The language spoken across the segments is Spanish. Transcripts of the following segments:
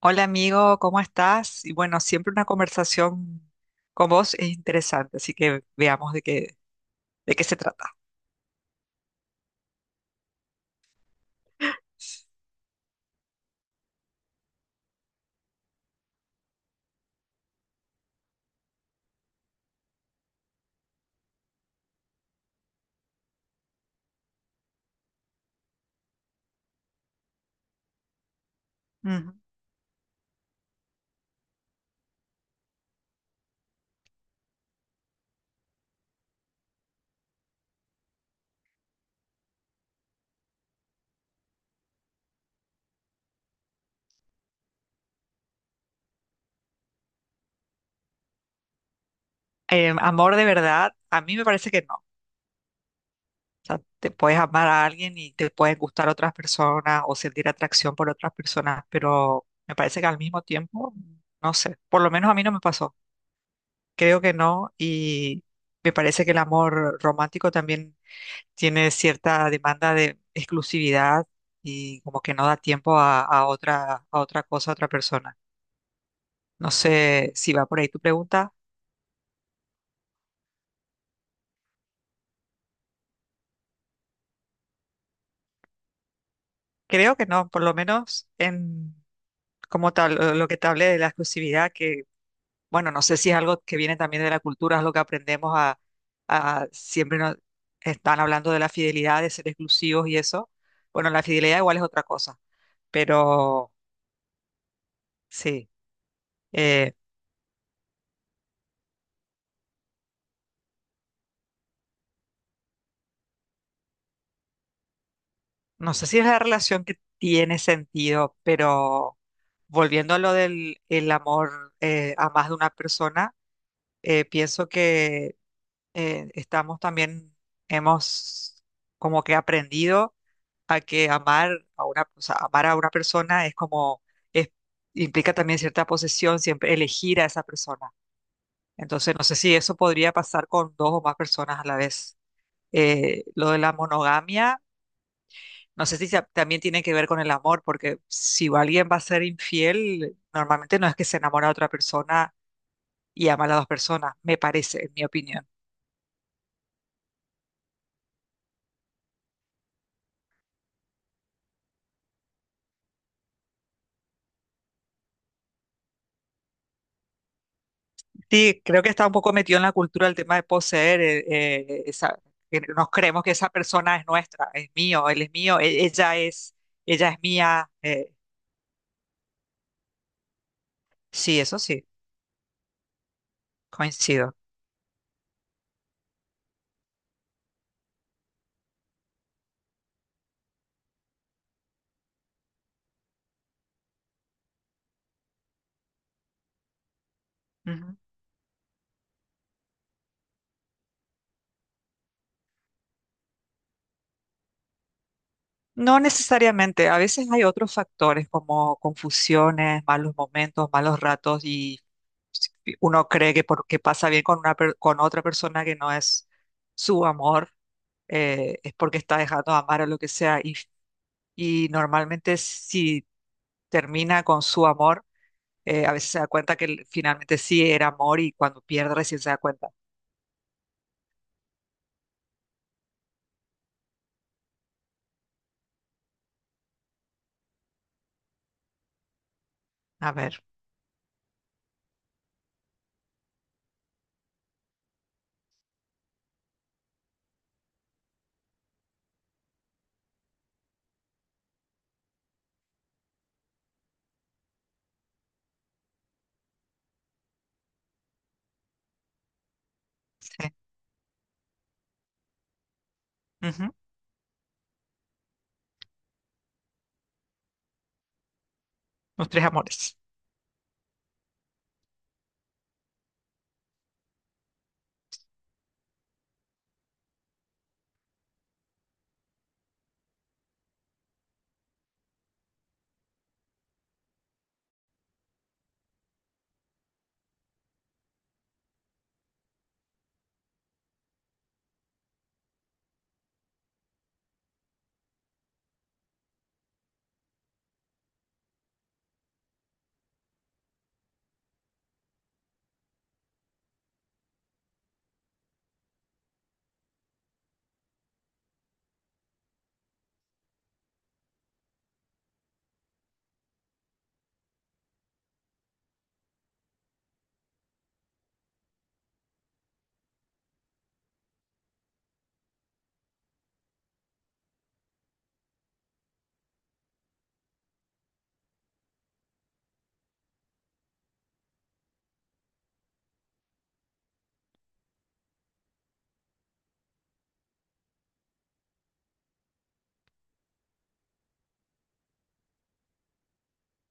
Hola amigo, ¿cómo estás? Y bueno, siempre una conversación con vos es interesante, así que veamos de qué se trata. Ujú. Amor de verdad, a mí me parece que no. O sea, te puedes amar a alguien y te pueden gustar otras personas o sentir atracción por otras personas, pero me parece que al mismo tiempo, no sé, por lo menos a mí no me pasó. Creo que no y me parece que el amor romántico también tiene cierta demanda de exclusividad y como que no da tiempo a otra cosa, a otra persona. No sé si va por ahí tu pregunta. Creo que no, por lo menos en como tal, lo que te hablé de la exclusividad, que bueno, no sé si es algo que viene también de la cultura, es lo que aprendemos siempre nos están hablando de la fidelidad, de ser exclusivos y eso. Bueno, la fidelidad igual es otra cosa, pero sí. eh, No sé si es la relación que tiene sentido, pero volviendo a lo del el amor a más de una persona, pienso que estamos también, hemos como que aprendido a que amar a una persona es como, es- implica también cierta posesión, siempre elegir a esa persona. Entonces, no sé si eso podría pasar con dos o más personas a la vez. Lo de la monogamia. No sé si también tiene que ver con el amor, porque si alguien va a ser infiel, normalmente no es que se enamora de otra persona y ama a las dos personas, me parece, en mi opinión. Sí, creo que está un poco metido en la cultura el tema de poseer, que nos creemos que esa persona es nuestra, es mío, él es mío, ella es mía. Sí, eso sí, coincido. No necesariamente, a veces hay otros factores como confusiones, malos momentos, malos ratos y si uno cree que porque pasa bien con otra persona que no es su amor, es porque está dejando de amar o lo que sea y normalmente si termina con su amor, a veces se da cuenta finalmente sí era amor y cuando pierde recién se da cuenta. A ver, sí. Ujú. Los tres amores.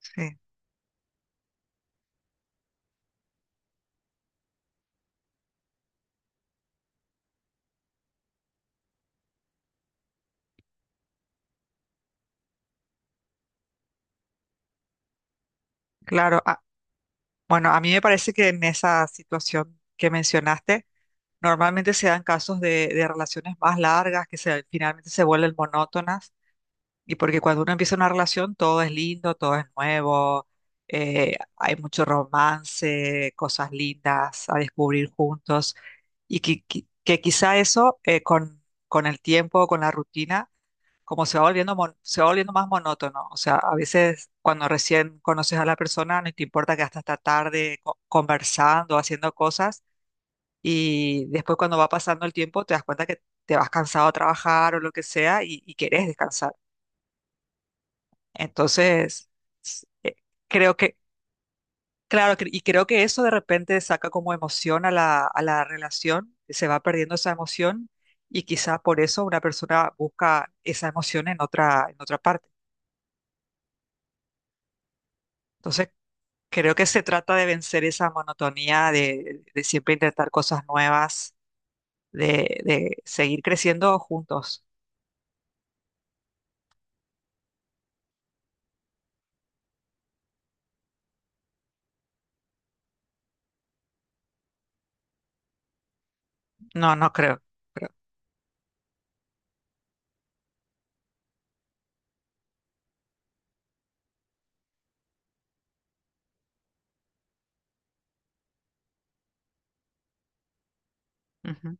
Sí, claro. Bueno, a mí me parece que en esa situación que mencionaste, normalmente se dan casos de relaciones más largas que se, finalmente se vuelven monótonas y porque cuando uno empieza una relación todo es lindo, todo es nuevo, hay mucho romance, cosas lindas a descubrir juntos y que, qui- que quizá eso con el tiempo, con la rutina como se va volviendo, se va volviendo más monótono. O sea, a veces cuando recién conoces a la persona, no te importa que hasta esta tarde conversando, haciendo cosas, y después cuando va pasando el tiempo, te das cuenta que te vas cansado a trabajar o lo que sea y querés descansar. Entonces, s- creo que, claro, cre- y creo que eso de repente saca como emoción a la relación, se va perdiendo esa emoción. Y quizá por eso una persona busca esa emoción en otra parte. Entonces creo que se trata de vencer esa monotonía de siempre intentar cosas nuevas, de seguir creciendo juntos. No, no creo. Creo. Ujú.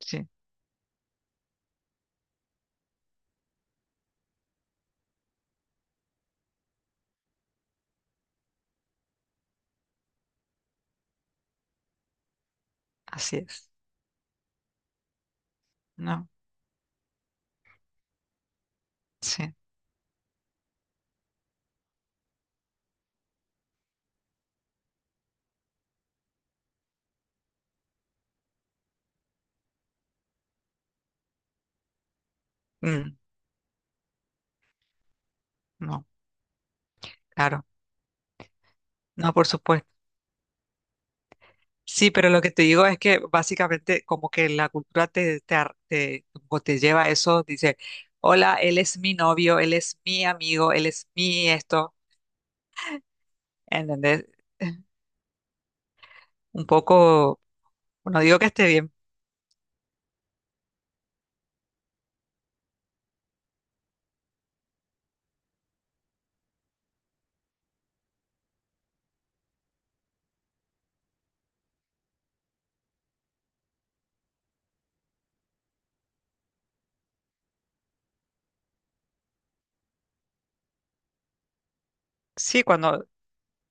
Sí, así es. No, sí. Mm, no, claro. No, por supuesto. Sí, pero lo que te digo es que básicamente como que la cultura te, como te lleva a eso, dice, hola, él es mi novio, él es mi amigo, él es mi esto, ¿entendés? Un poco, no digo que esté bien. Sí, cuando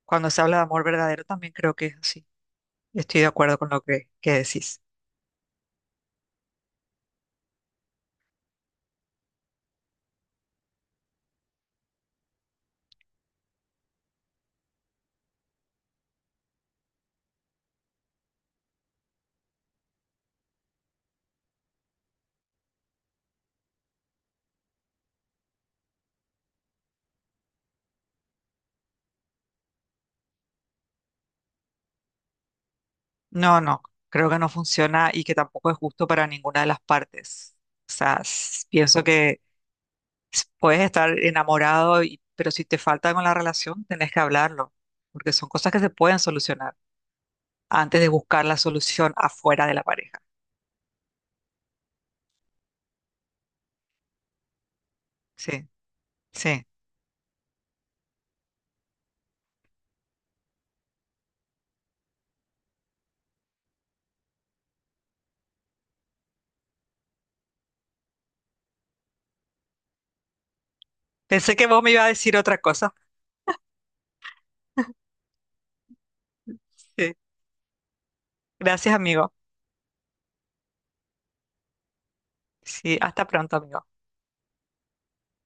Cuando se habla de amor verdadero, también creo que es así. Estoy de acuerdo con lo que decís. No, no, creo que no funciona y que tampoco es justo para ninguna de las partes. O sea, pienso que puedes estar enamorado, pero si te falta algo en la relación, tenés que hablarlo, porque son cosas que se pueden solucionar antes de buscar la solución afuera de la pareja. Sí, sí. Pensé que vos me ibas a decir otra cosa. Sí. Gracias, amigo. Sí, hasta pronto, amigo.